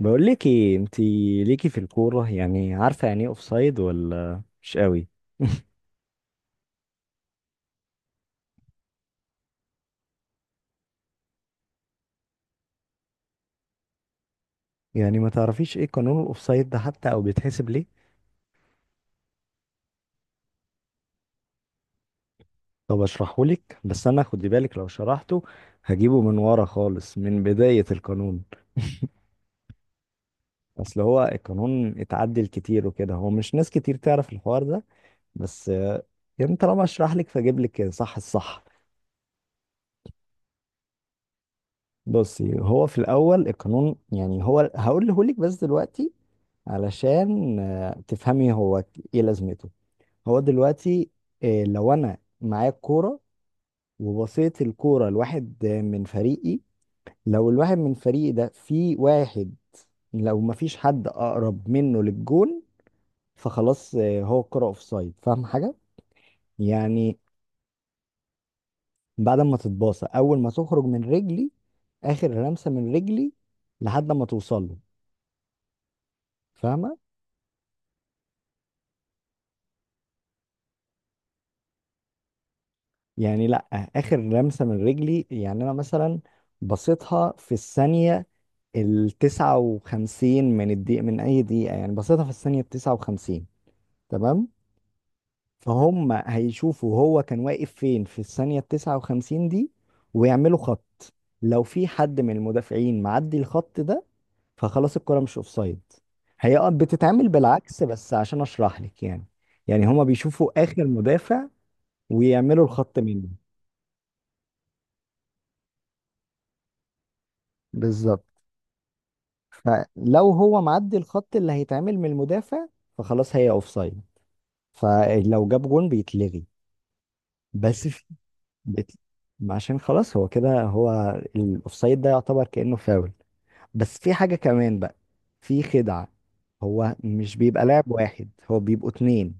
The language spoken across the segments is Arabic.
بقول لك ايه انت ليكي في الكوره؟ يعني عارفه يعني ايه اوفسايد ولا مش قوي؟ يعني ما تعرفيش ايه قانون الاوفسايد ده حتى او بيتحسب ليه؟ طب اشرحه لك، بس انا خدي بالك لو شرحته هجيبه من ورا خالص من بدايه القانون. اصل هو القانون اتعدل كتير وكده، هو مش ناس كتير تعرف الحوار ده. بس يعني طالما اشرح لك، فاجيب لك صح الصح. بصي، هو في الاول القانون، يعني هو هقوله لك بس دلوقتي علشان تفهمي هو ايه لازمته. هو دلوقتي لو انا معايا الكوره وبصيت الكوره لواحد من فريقي، لو الواحد من فريقي ده في واحد، لو ما فيش حد اقرب منه للجون، فخلاص هو الكوره اوفسايد. فاهم حاجه يعني؟ بعد ما تتباصى، اول ما تخرج من رجلي، اخر لمسه من رجلي لحد ما توصل له. فاهمه؟ يعني لا، اخر لمسه من رجلي. يعني انا مثلا بصيتها في الثانيه التسعة وخمسين من الدقيقة، من أي دقيقة يعني بسيطة، في الثانية التسعة وخمسين. تمام. فهم هيشوفوا هو كان واقف فين في الثانية التسعة وخمسين دي، ويعملوا خط. لو في حد من المدافعين معدي الخط ده، فخلاص الكرة مش أوفسايد. هي آه بتتعمل بالعكس، بس عشان أشرح لك يعني. يعني هما بيشوفوا آخر مدافع، ويعملوا الخط منه. بالظبط. فلو هو معدي الخط اللي هيتعمل من المدافع، فخلاص هي أوفسايد. فلو جاب جون بيتلغي. بس في بيت... عشان خلاص هو كده، هو الاوفسايد ده يعتبر كأنه فاول. بس في حاجة كمان بقى. في خدعة. هو مش بيبقى لاعب واحد، هو بيبقوا اتنين.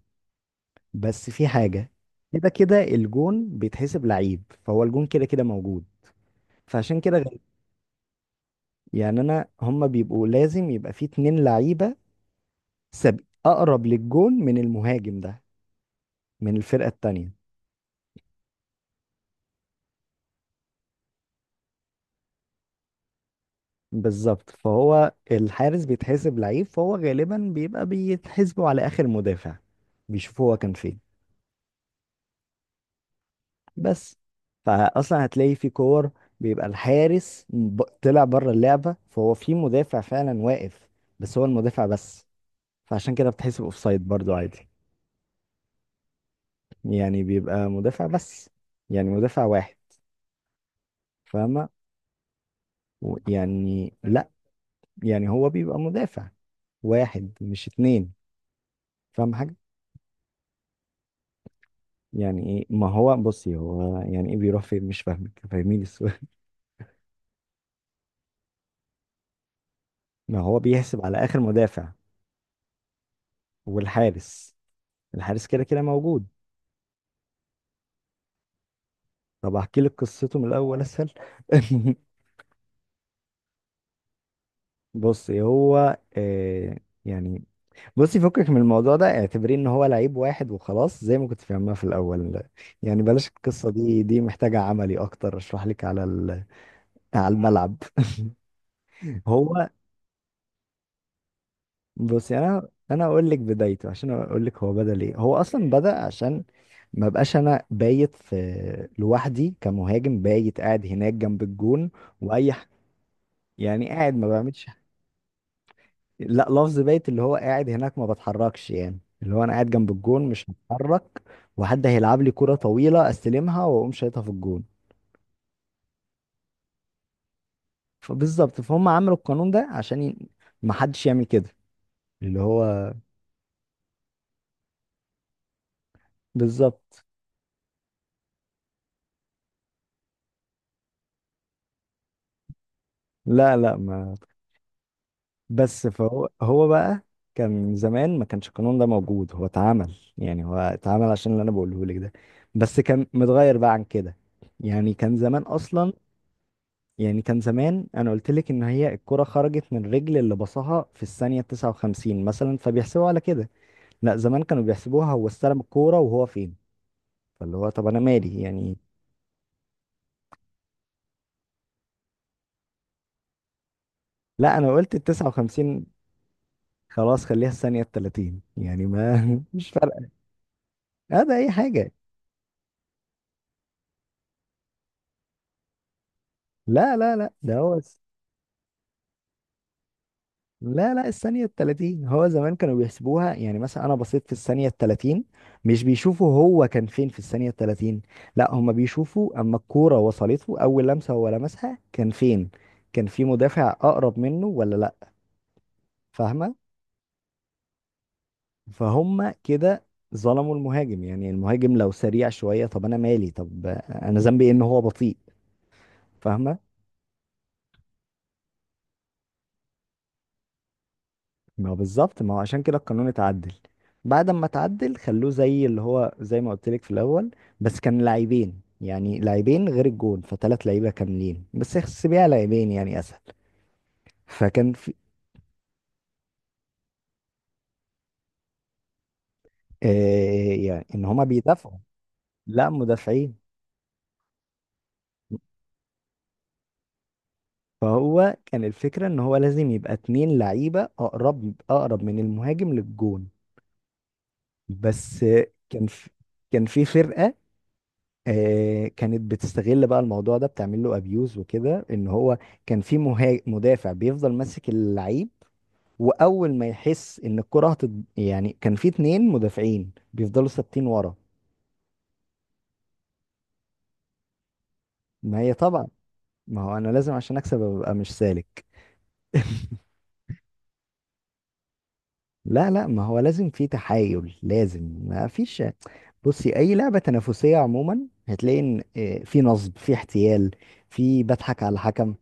بس في حاجة، كده كده الجون بيتحسب لعيب، فهو الجون كده كده موجود. فعشان كده يعني انا هما بيبقوا لازم يبقى في اتنين لعيبة سب... اقرب للجون من المهاجم ده، من الفرقة التانية. بالظبط، فهو الحارس بيتحسب لعيب، فهو غالبا بيبقى بيتحسبوا على اخر مدافع، بيشوفوا هو كان فين. بس فاصلا هتلاقي في كور بيبقى الحارس طلع بره اللعبه، فهو في مدافع فعلا واقف، بس هو المدافع بس. فعشان كده بتحسب اوفسايد برضو عادي. يعني بيبقى مدافع بس، يعني مدافع واحد. فاهمه؟ يعني لا، يعني هو بيبقى مدافع واحد، مش اتنين. فاهم حاجه؟ يعني ايه؟ ما هو بصي هو يعني ايه بيروح فين؟ مش فاهمك، فاهميني السؤال. ما هو بيحسب على اخر مدافع والحارس، الحارس كده كده موجود. طب احكي لك قصته من الاول اسهل. بصي هو آه، يعني بصي، فكك من الموضوع ده، اعتبريه ان هو لعيب واحد وخلاص، زي ما كنت فاهمها في الاول. يعني بلاش القصة دي، محتاجة عملي اكتر، اشرح لك على على الملعب. هو بص، يعني انا اقول لك بدايته عشان اقول لك هو بدأ ليه. هو اصلا بدأ عشان ما بقاش انا بايت في لوحدي كمهاجم، بايت قاعد هناك جنب الجون، واي ح- يعني قاعد ما بعملش لا، لفظ بايت اللي هو قاعد هناك ما بتحركش، يعني اللي هو انا قاعد جنب الجون، مش هتحرك، وحد هيلعب لي كرة طويلة استلمها واقوم شايطها في الجون. فبالظبط، فهم عملوا القانون ده عشان ما حدش يعمل كده، اللي هو بالظبط. لا ما بس فهو بقى كان زمان ما كانش القانون ده موجود، هو اتعمل، يعني هو اتعمل عشان اللي انا بقوله لك ده، بس كان متغير بقى عن كده. يعني كان زمان اصلا، يعني كان زمان انا قلت لك ان هي الكرة خرجت من الرجل اللي بصها في الثانية 59 مثلا، فبيحسبوا على كده. لا، زمان كانوا بيحسبوها هو استلم الكورة وهو فين. فاللي هو طب انا مالي يعني. لا، انا قلت ال 59. خلاص خليها الثانية 30 يعني ما مش فارقة. هذا اي حاجة. لا ده هو. لا الثانية التلاتين، هو زمان كانوا بيحسبوها. يعني مثلا أنا بصيت في الثانية التلاتين، مش بيشوفوا هو كان فين في الثانية التلاتين. لا، هما بيشوفوا أما الكورة وصلته أول لمسة هو لمسها كان فين، كان في مدافع أقرب منه ولا لا. فاهمة؟ فهم كده ظلموا المهاجم. يعني المهاجم لو سريع شوية، طب أنا مالي؟ طب أنا ذنبي إيه إن هو بطيء؟ فاهمة؟ ما هو بالظبط، ما هو عشان كده القانون اتعدل. بعد ما اتعدل خلوه زي اللي هو زي ما قلت لك في الاول، بس كان لاعبين، يعني لاعبين غير الجون، فثلاث لعيبه كاملين، بس احسبيها لاعبين يعني اسهل. فكان في آه، يعني ان هما بيدافعوا. لا، مدافعين. فهو كان الفكره ان هو لازم يبقى اتنين لعيبه اقرب، اقرب من المهاجم للجون بس. كان في كان في فرقه كانت بتستغل بقى الموضوع ده، بتعمل له ابيوز وكده، ان هو كان في مدافع بيفضل ماسك اللعيب، واول ما يحس ان الكره يعني كان في اتنين مدافعين بيفضلوا ثابتين ورا. ما هي طبعا، ما هو انا لازم عشان اكسب ابقى مش سالك. لا لا، ما هو لازم في تحايل، لازم، ما فيش. بصي اي لعبة تنافسية عموما، هتلاقي ان في نصب، في احتيال، في بضحك على الحكم.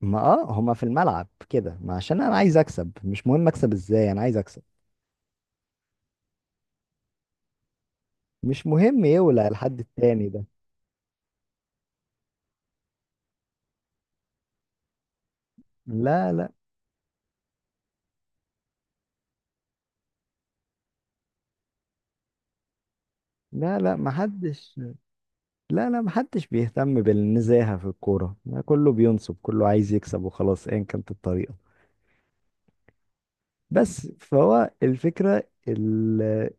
ما اه، هما في الملعب كده، ما عشان انا عايز اكسب، مش مهم اكسب ازاي، انا عايز اكسب. مش مهم يولع الحد التاني ده. لا لا لا محدش. لا محدش بيهتم بالنزاهة في الكورة. كله بينصب، كله عايز يكسب وخلاص ايا كانت الطريقة. بس فهو الفكرة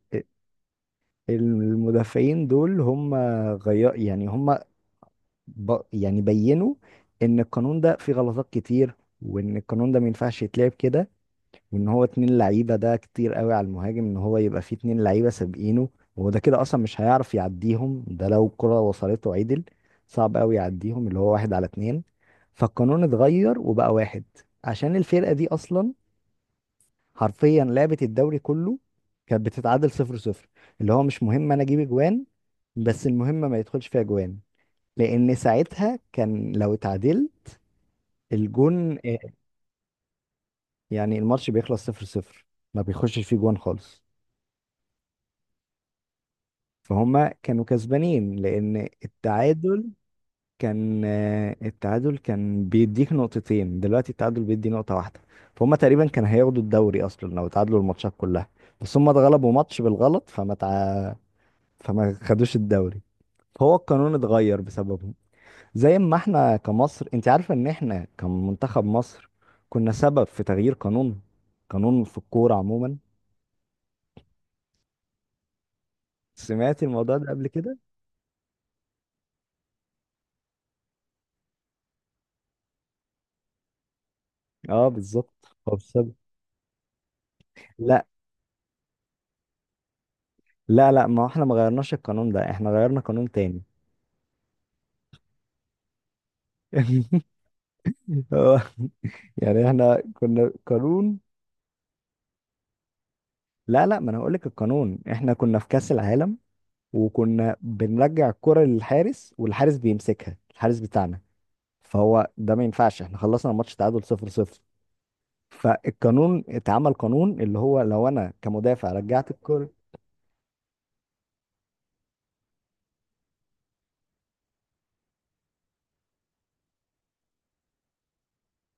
المدافعين دول، هم غير يعني هم ب... يعني بينوا ان القانون ده فيه غلطات كتير، وان القانون ده ما ينفعش يتلعب كده، وان هو اتنين لعيبه ده كتير قوي على المهاجم، ان هو يبقى فيه اتنين لعيبه سابقينه، وهو ده كده اصلا مش هيعرف يعديهم، ده لو الكره وصلته عدل، صعب قوي يعديهم، اللي هو واحد على اتنين. فالقانون اتغير وبقى واحد. عشان الفرقه دي اصلا، حرفيا لعبه الدوري كله، كانت بتتعادل صفر صفر، اللي هو مش مهم انا اجيب اجوان، بس المهم ما يدخلش فيها جوان، لان ساعتها كان لو اتعادل الجون يعني الماتش بيخلص صفر صفر، ما بيخشش فيه جوان خالص، فهم كانوا كسبانين لان التعادل كان التعادل كان بيديك نقطتين، دلوقتي التعادل بيدي نقطة واحدة. فهم تقريبا كان هياخدوا الدوري اصلا لو تعادلوا الماتشات كلها، بس هم اتغلبوا ماتش بالغلط فما خدوش الدوري. فهو القانون اتغير بسببهم. زي ما احنا كمصر، انت عارفة ان احنا كمنتخب مصر كنا سبب في تغيير قانون، قانون في الكورة عموما؟ سمعت الموضوع ده قبل كده؟ اه بالظبط، هو بسبب. لا لا ما احنا ما غيرناش القانون ده، احنا غيرنا قانون تاني. هو- يعني احنا كنا قانون. لا ما انا هقول لك القانون، احنا كنا في كأس العالم، وكنا بنرجع الكرة للحارس والحارس بيمسكها، الحارس بتاعنا. فهو ده ما ينفعش، احنا خلصنا الماتش تعادل 0-0. فالقانون اتعمل قانون، اللي هو لو انا كمدافع رجعت الكرة،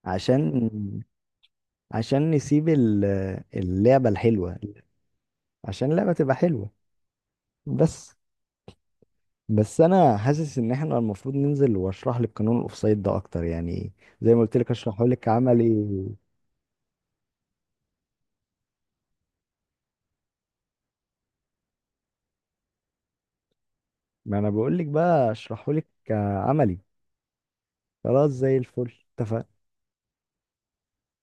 عشان عشان نسيب اللعبة الحلوة، عشان اللعبة تبقى حلوة بس. بس انا حاسس ان احنا المفروض ننزل واشرح لك قانون الاوفسايد ده اكتر يعني، زي ما قلت لك اشرحه لك عملي. ما انا بقول لك بقى اشرحه لك عملي. خلاص زي الفل، اتفقنا.